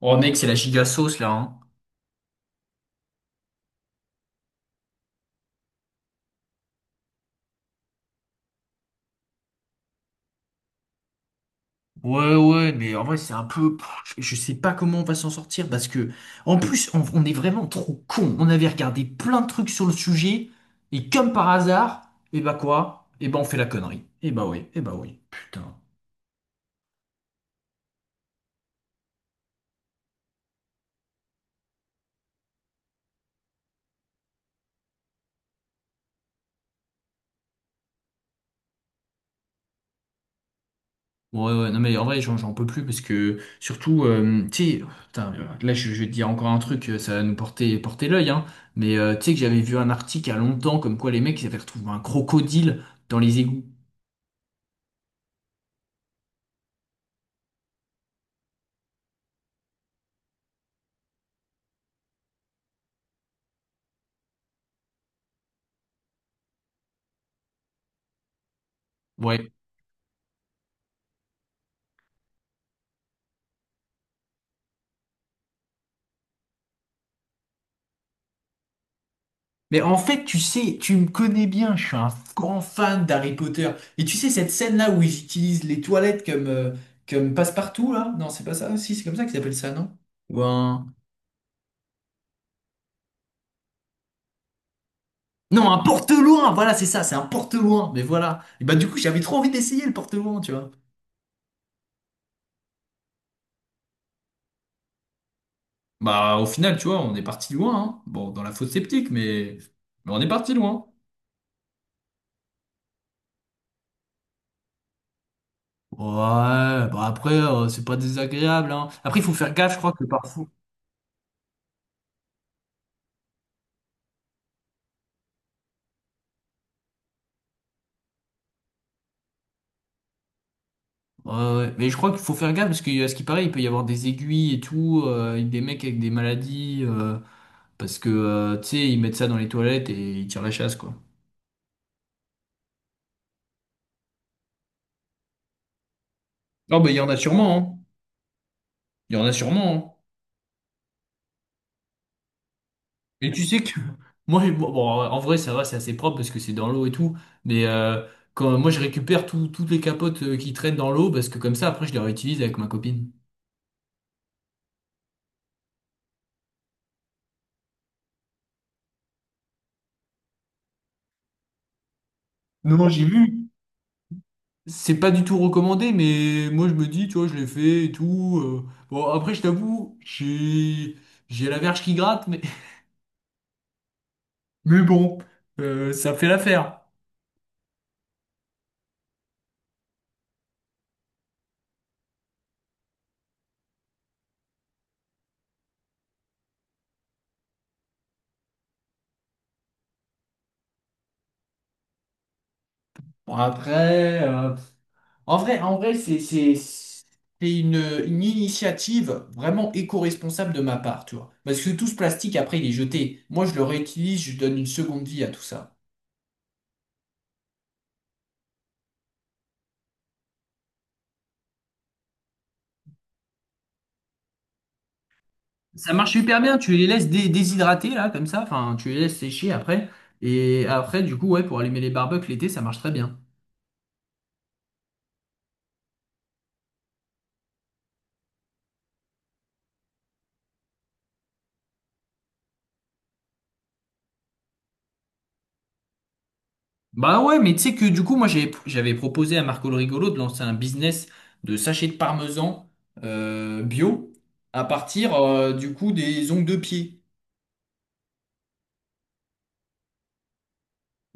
Oh mec, c'est la giga sauce là, hein. Ouais, ouais, mais en vrai, c'est un peu. Pff, je sais pas comment on va s'en sortir parce que, en plus, on est vraiment trop con. On avait regardé plein de trucs sur le sujet et comme par hasard, et bah quoi? Et bah on fait la connerie. Et bah oui, et bah oui. Putain. Ouais, ouais, non mais en vrai, j'en peux plus parce que, surtout, tu sais, putain, là, je vais te dire encore un truc, ça va nous porter, porter l'œil, hein. Mais tu sais que j'avais vu un article il y a longtemps comme quoi les mecs, ils avaient retrouvé un crocodile dans les égouts. Ouais. Mais en fait, tu sais, tu me connais bien, je suis un grand fan d'Harry Potter. Et tu sais, cette scène-là où ils utilisent les toilettes comme, comme passe-partout, là? Non, c'est pas ça? Si, c'est comme ça qu'ils appellent ça, non? Ou un... Non, un porte-loin! Voilà, c'est ça, c'est un porte-loin. Mais voilà. Et bah, du coup, j'avais trop envie d'essayer le porte-loin, tu vois. Bah, au final, tu vois, on est parti loin, hein. Bon, dans la fosse sceptique, mais on est parti loin. Ouais, bah après, c'est pas désagréable, hein. Après, il faut faire gaffe, je crois que parfois. Ouais, ouais. Mais je crois qu'il faut faire gaffe parce que, à ce qui paraît, il peut y avoir des aiguilles et tout, et des mecs avec des maladies, parce que, tu sais, ils mettent ça dans les toilettes et ils tirent la chasse, quoi. Non, mais il y en a sûrement, hein. Il y en a sûrement, hein. Et tu sais que moi, bon, bon, en vrai, ça va, c'est assez propre parce que c'est dans l'eau et tout. Mais quand moi, je récupère toutes les capotes qui traînent dans l'eau parce que comme ça, après, je les réutilise avec ma copine. Non, non, j'ai vu. C'est pas du tout recommandé, mais moi je me dis, tu vois, je l'ai fait et tout. Bon, après, je t'avoue, j'ai la verge qui gratte, mais, mais bon, ça fait l'affaire. Bon, après, en vrai, c'est une, une initiative vraiment éco-responsable de ma part, tu vois. Parce que tout ce plastique, après, il est jeté. Moi, je le réutilise, je donne une seconde vie à tout ça. Ça marche super bien, tu les laisses déshydrater là, comme ça, enfin tu les laisses sécher après. Et après, du coup, ouais, pour allumer les barbecues l'été, ça marche très bien. Bah ouais, mais tu sais que du coup, moi j'avais proposé à Marco le Rigolo de lancer un business de sachets de parmesan bio à partir du coup des ongles de pied.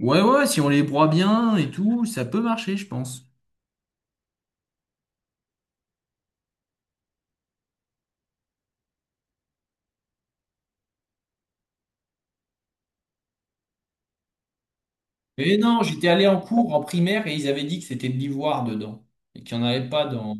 Ouais, ouais, si on les broie bien et tout, ça peut marcher, je pense. Mais non, j'étais allé en cours en primaire et ils avaient dit que c'était de l'ivoire dedans et qu'il n'y en avait pas dans.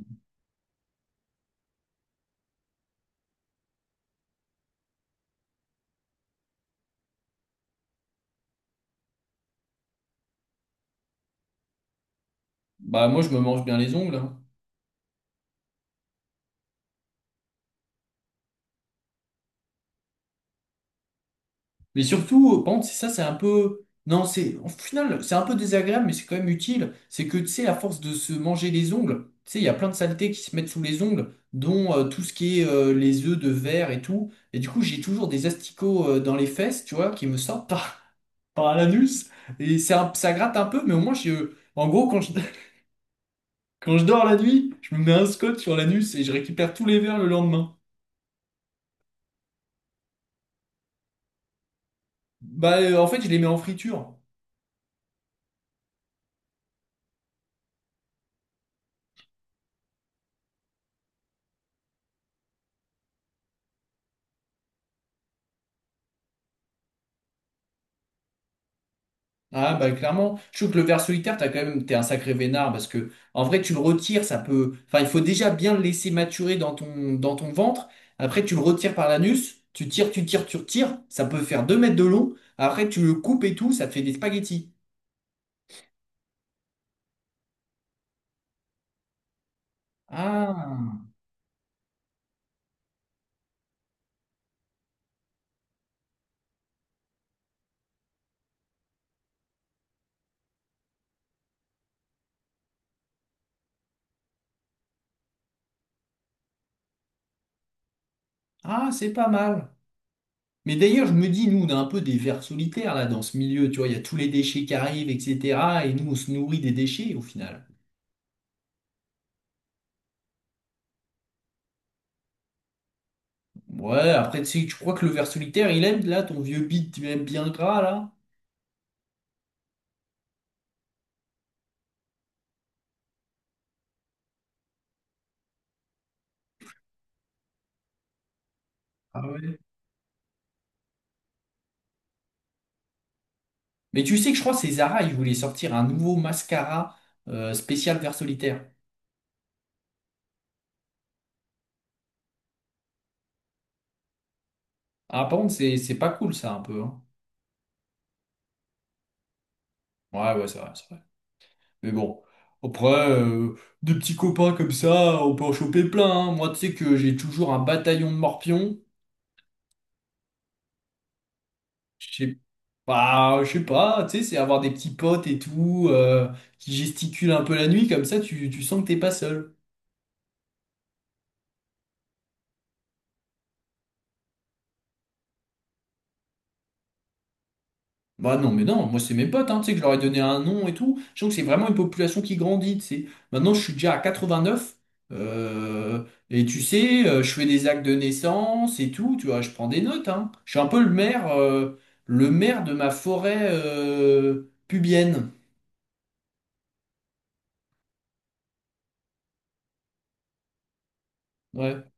Bah moi je me mange bien les ongles, hein. Mais surtout, par contre, c'est ça, c'est un peu. Non, c'est. Au final, c'est un peu désagréable, mais c'est quand même utile. C'est que, tu sais, à force de se manger les ongles, tu sais, il y a plein de saletés qui se mettent sous les ongles, dont tout ce qui est les œufs de verre et tout. Et du coup, j'ai toujours des asticots dans les fesses, tu vois, qui me sortent par, par l'anus. Et ça gratte un peu, mais au moins, je... en gros, quand je... quand je dors la nuit, je me mets un scotch sur l'anus et je récupère tous les verres le lendemain. Bah, en fait, je les mets en friture. Ah bah clairement, je trouve que le ver solitaire, t'as quand même, t'es un sacré vénard parce que en vrai tu le retires, ça peut, enfin il faut déjà bien le laisser maturer dans ton ventre. Après tu le retires par l'anus, tu tires, tu tires, tu retires, ça peut faire 2 mètres de long. Après tu le coupes et tout, ça te fait des spaghettis. Ah ah c'est pas mal. Mais d'ailleurs je me dis nous on a un peu des vers solitaires là dans ce milieu, tu vois, il y a tous les déchets qui arrivent etc. Et nous on se nourrit des déchets au final. Ouais après tu sais, tu crois que le ver solitaire il aime là ton vieux bit, tu aimes bien gras là? Ah ouais. Mais tu sais que je crois que c'est Zara, ils voulaient sortir un nouveau mascara spécial vert solitaire. Ah, par contre, c'est pas cool ça un peu, hein. Ouais, ouais, c'est vrai, c'est vrai. Mais bon, après, des petits copains comme ça, on peut en choper plein, hein. Moi, tu sais que j'ai toujours un bataillon de morpions. Je sais je sais pas, tu sais, c'est avoir des petits potes et tout, qui gesticulent un peu la nuit, comme ça, tu sens que t'es pas seul. Bah non, mais non, moi c'est mes potes, hein, tu sais, que je leur ai donné un nom et tout. Je trouve que c'est vraiment une population qui grandit, tu sais. Maintenant, je suis déjà à 89, euh, et tu sais, je fais des actes de naissance et tout, tu vois, je prends des notes, hein. Je suis un peu le maire de ma forêt pubienne. Ouais,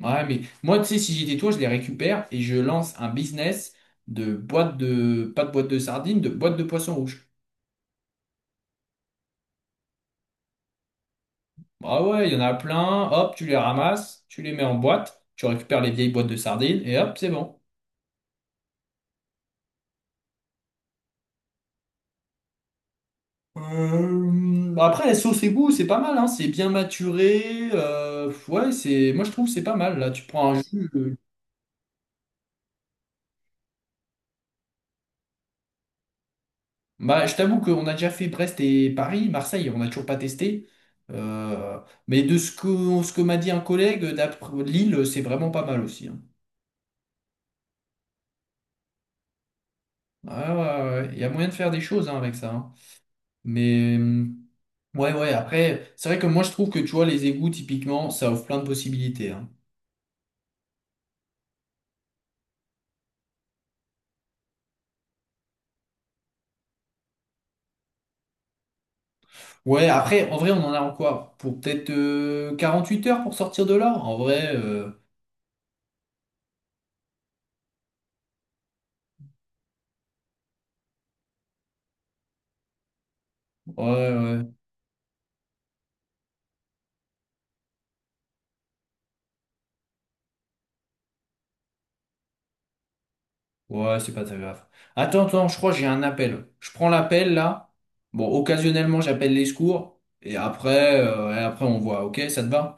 ouais, mais moi, tu sais, si j'étais toi, je les récupère et je lance un business de boîte de, pas de boîte de sardines, de boîte de poisson rouge. Bah ouais, il y en a plein. Hop, tu les ramasses, tu les mets en boîte, tu récupères les vieilles boîtes de sardines et hop, c'est bon. Bah après, la sauce et goût, c'est pas mal, hein. C'est bien maturé, ouais, c'est, moi je trouve que c'est pas mal. Là, tu prends un jus. Bah, je t'avoue qu'on a déjà fait Brest et Paris, Marseille, on n'a toujours pas testé. Euh, mais de ce que m'a dit un collègue, d'après Lille, c'est vraiment pas mal aussi, hein. Ouais, ouais, ouais, ouais. Il y a moyen de faire des choses hein, avec ça, hein. Mais. hum, ouais, ouais, après, c'est vrai que moi je trouve que tu vois, les égouts, typiquement, ça offre plein de possibilités, hein. Ouais, après, en vrai, on en a encore pour peut-être huit heures pour sortir de là. En vrai, ouais, ouais, ouais, c'est pas très grave. Attends, attends, je crois que j'ai un appel. Je prends l'appel là. Bon, occasionnellement, j'appelle les secours. Et après, on voit, ok, ça te va?